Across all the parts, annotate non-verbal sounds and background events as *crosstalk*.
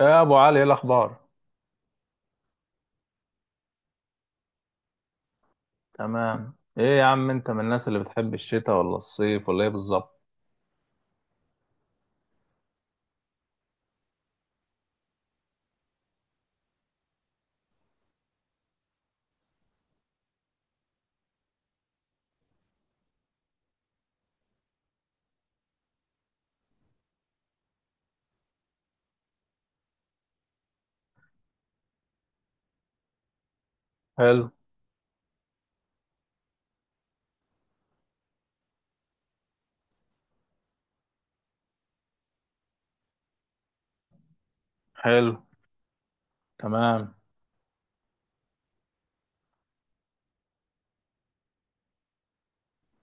يا ابو علي ايه الاخبار؟ تمام ايه يا عم، انت من الناس اللي بتحب الشتاء ولا الصيف ولا ايه بالظبط؟ حلو. حلو. تمام.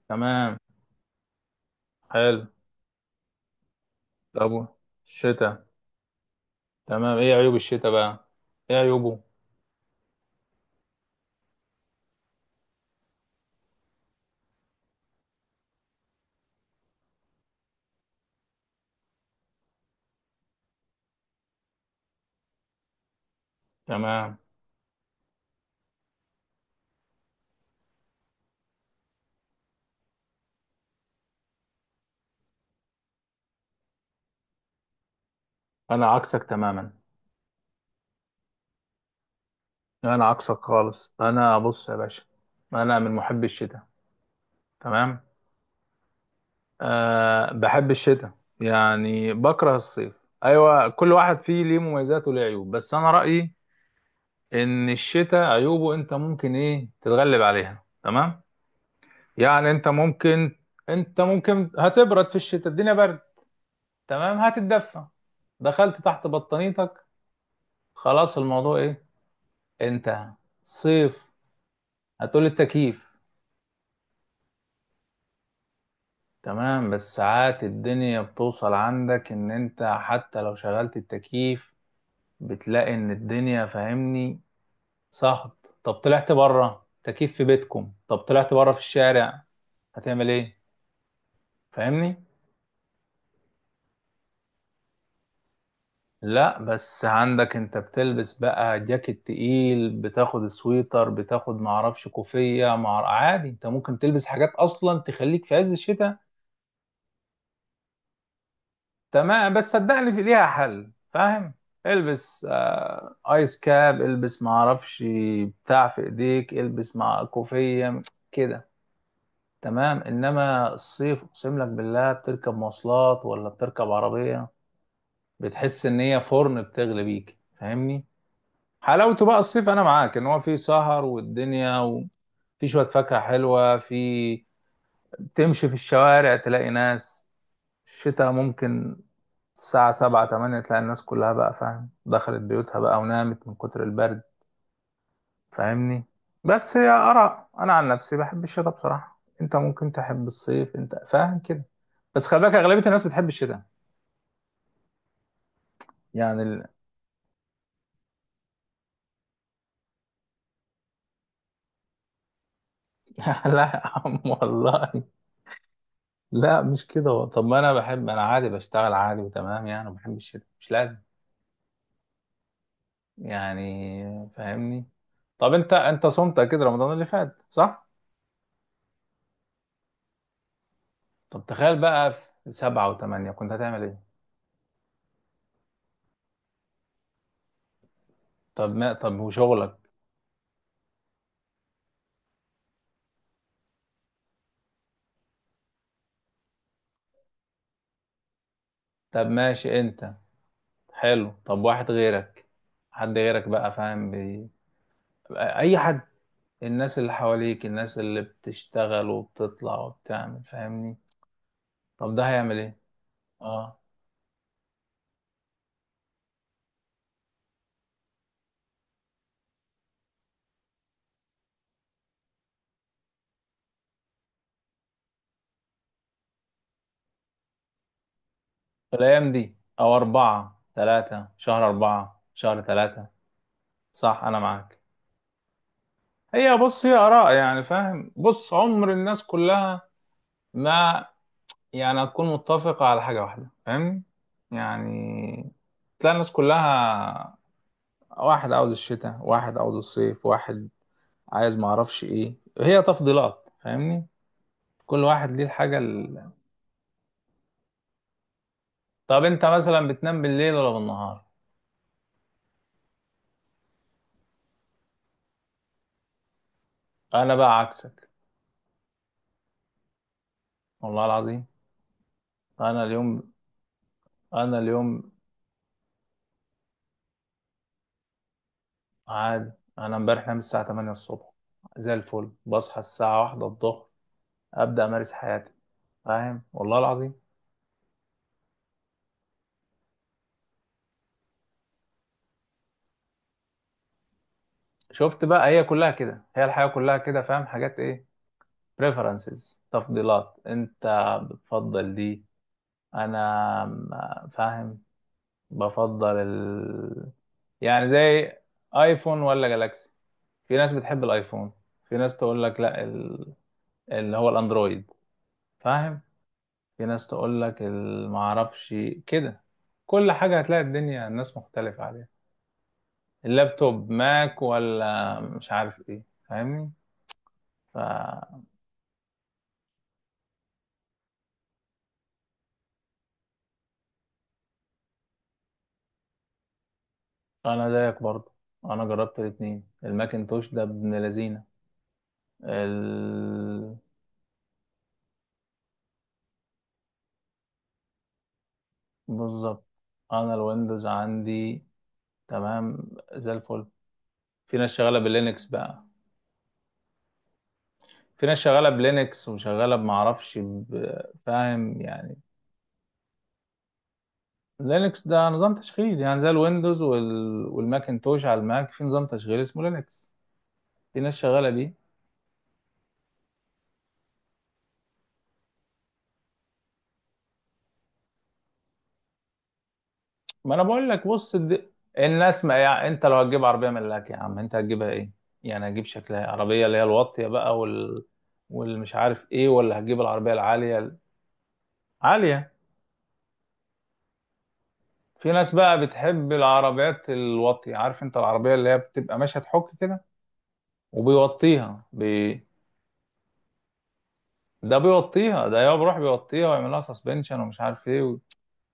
تمام. حلو. طب الشتاء، تمام، ايه عيوب الشتاء بقى؟ ايه عيوبه؟ تمام. انا عكسك تماما، انا عكسك خالص. انا بص يا باشا، انا من محبي الشتاء. تمام. أه بحب الشتاء، يعني بكره الصيف. ايوه، كل واحد فيه ليه مميزات وليه عيوب، بس انا رأيي ان الشتاء عيوبه انت ممكن ايه تتغلب عليها. تمام. يعني انت ممكن هتبرد في الشتاء، الدنيا برد. تمام، هتتدفى، دخلت تحت بطانيتك، خلاص الموضوع ايه، انتهى. صيف، هتقول التكييف. تمام، بس ساعات الدنيا بتوصل عندك ان انت حتى لو شغلت التكييف بتلاقي ان الدنيا فاهمني صهد. طب طلعت بره تكييف في بيتكم، طب طلعت بره في الشارع هتعمل ايه؟ فاهمني. لا بس عندك انت بتلبس بقى جاكيت تقيل، بتاخد سويتر، بتاخد معرفش كوفية، مع عادي انت ممكن تلبس حاجات اصلا تخليك في عز الشتاء. تمام، بس صدقني في ليها حل، فاهم؟ البس آه ايس كاب، البس معرفش بتاع في ايديك، البس مع كوفية، كده. تمام، انما الصيف اقسم لك بالله بتركب مواصلات ولا بتركب عربية بتحس ان هي فرن بتغلي بيك، فاهمني؟ حلاوته بقى الصيف انا معاك ان هو فيه سهر والدنيا، وفي شويه فاكهه حلوه، في تمشي في الشوارع تلاقي ناس. الشتاء ممكن الساعه سبعة تمانية تلاقي الناس كلها بقى فاهم دخلت بيوتها بقى ونامت من كتر البرد، فاهمني؟ بس هي اراء، انا عن نفسي بحب الشتاء بصراحه. انت ممكن تحب الصيف، انت فاهم كده، بس خلي بالك اغلبيه الناس بتحب الشتاء. يعني *laughs* يا لا يا عم والله. لا مش كده طب ما انا بحب، انا عادي بشتغل عادي وتمام يعني وبحب الشتاء، مش لازم يعني، فاهمني؟ طب انت صمت اكيد رمضان اللي فات صح؟ طب تخيل بقى، في سبعة وثمانية كنت هتعمل ايه؟ طب ما طب وشغلك؟ طب ماشي انت. حلو، طب واحد غيرك، حد غيرك بقى فاهم اي حد، الناس اللي حواليك، الناس اللي بتشتغل وبتطلع وبتعمل فاهمني. طب ده هيعمل ايه؟ اه، الأيام دي أو أربعة تلاتة، شهر أربعة شهر تلاتة، صح، أنا معاك. هي بص هي آراء يعني، فاهم؟ بص عمر الناس كلها ما يعني هتكون متفقة على حاجة واحدة، فاهم يعني؟ تلاقي الناس كلها، واحد عاوز الشتاء، واحد عاوز الصيف، واحد عايز معرفش إيه، هي تفضيلات فاهمني. كل واحد ليه الحاجة طب أنت مثلا بتنام بالليل ولا بالنهار؟ أنا بقى عكسك، والله العظيم. أنا اليوم أنا اليوم عادي، انا امبارح نام الساعه 8 الصبح، زي الفل بصحى الساعه 1 الظهر، ابدا امارس حياتي فاهم، والله العظيم. شفت بقى؟ هي كلها كده، هي الحياه كلها كده، فاهم؟ حاجات ايه، preferences، تفضيلات، انت بتفضل دي، انا فاهم، بفضل يعني زي ايفون ولا جالاكسي، في ناس بتحب الايفون، في ناس تقول لك لا اللي هو الاندرويد، فاهم؟ في ناس تقول لك المعرفش كده. كل حاجة هتلاقي الدنيا الناس مختلفة عليها. اللابتوب ماك ولا مش عارف ايه، فاهمني؟ فأنا زيك برضه، أنا جربت الاتنين، الماكنتوش ده ابن لذينة ال... بالظبط. أنا الويندوز عندي، تمام، زي الفل. في ناس شغالة باللينكس بقى، في ناس شغالة بلينكس وشغالة بمعرفش فاهم يعني. لينكس ده نظام تشغيل، يعني زي الويندوز والماكنتوش على الماك، في نظام تشغيل اسمه لينكس، في ناس شغاله بيه. ما انا بقول لك بص الناس ما يعني انت لو هتجيب عربيه ملاك يا عم انت هتجيبها ايه؟ يعني هتجيب شكلها إيه؟ عربيه اللي هي الواطيه بقى والمش عارف ايه، ولا هتجيب العربيه العاليه؟ عاليه. في ناس بقى بتحب العربيات الواطيه، عارف، انت العربيه اللي هي بتبقى ماشيه تحك كده، وبيوطيها ده بيوطيها، ده يا بيروح بيوطيها ويعمل لها سسبنشن ومش عارف ايه،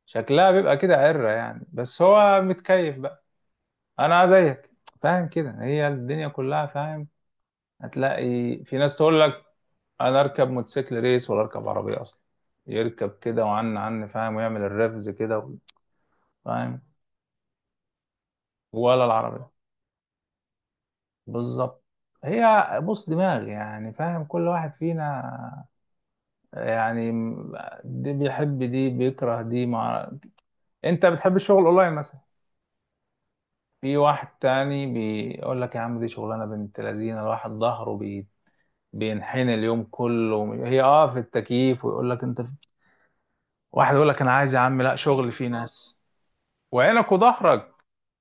شكلها بيبقى كده عرة يعني، بس هو متكيف بقى. انا زيك فاهم كده. هي الدنيا كلها فاهم، هتلاقي في ناس تقول لك انا اركب موتوسيكل ريس ولا اركب عربية اصلا، يركب كده وعن فاهم، ويعمل الرفز كده فاهم، ولا العربية. بالظبط. هي بص دماغ يعني، فاهم؟ كل واحد فينا يعني، دي بيحب، دي بيكره، دي انت بتحب الشغل اونلاين مثلا، في واحد تاني بيقول لك يا عم دي شغلانه بنت لذينه، الواحد ظهره بينحني اليوم كله، هي اه في التكييف، ويقول لك انت في واحد يقول لك انا عايز يا عم لا شغل فيه اه ناس، وعينك وظهرك،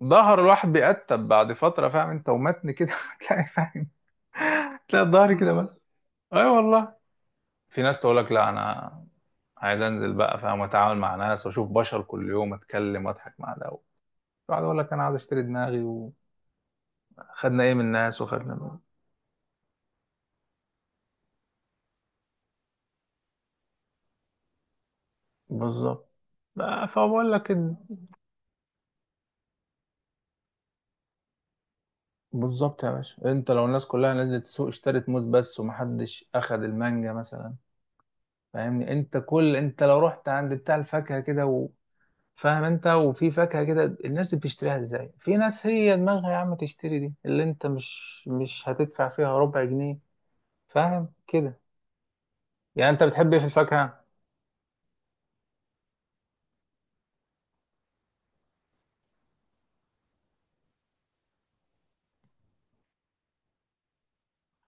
ظهر الواحد بيقتب بعد فتره، فاهم انت؟ ومتن كده *laughs* هتلاقي فاهم، هتلاقي الظهر كده بس. اي والله. في ناس تقول لك لا انا عايز انزل بقى فاهم واتعامل مع ناس واشوف بشر كل يوم، اتكلم واضحك مع ده، واحد يقول لك انا عايز اشتري دماغي، وخدنا ايه من الناس، وخدنا من، بالظبط. آه، فبقول لك بالظبط يا باشا، انت لو الناس كلها نزلت السوق اشترت موز بس، ومحدش اخد المانجا مثلا، فاهمني؟ انت كل انت لو رحت عند بتاع الفاكهه كده فاهم انت، وفي فاكهه كده الناس دي بتشتريها ازاي، في ناس هي دماغها يا عم تشتري دي اللي انت مش هتدفع فيها ربع جنيه، فاهم كده؟ يعني انت بتحب ايه في الفاكهه؟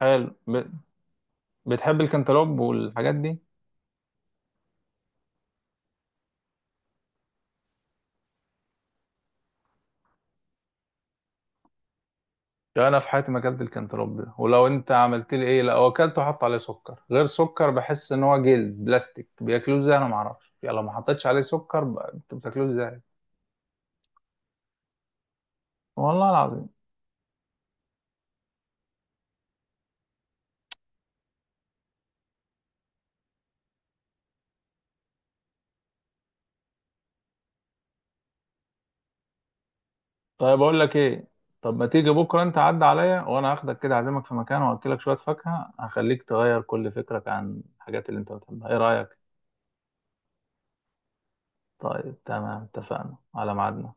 حلو بتحب الكنتالوب والحاجات دي؟ انا في حياتي ما اكلت الكنتالوب ده، ولو انت عملت لي ايه، لو اكلته حط عليه سكر غير سكر، بحس ان هو جلد بلاستيك، بياكلوه ازاي، انا ما اعرفش يعني. لو ما حطيتش عليه سكر انت بتاكلوه ازاي؟ والله العظيم. طيب اقول لك ايه، طب ما تيجي بكره انت عدى عليا، وانا هاخدك كده اعزمك في مكان واكلك شويه فاكهه، هخليك تغير كل فكرك عن الحاجات اللي انت بتحبها، ايه رايك؟ طيب تمام، اتفقنا على ميعادنا.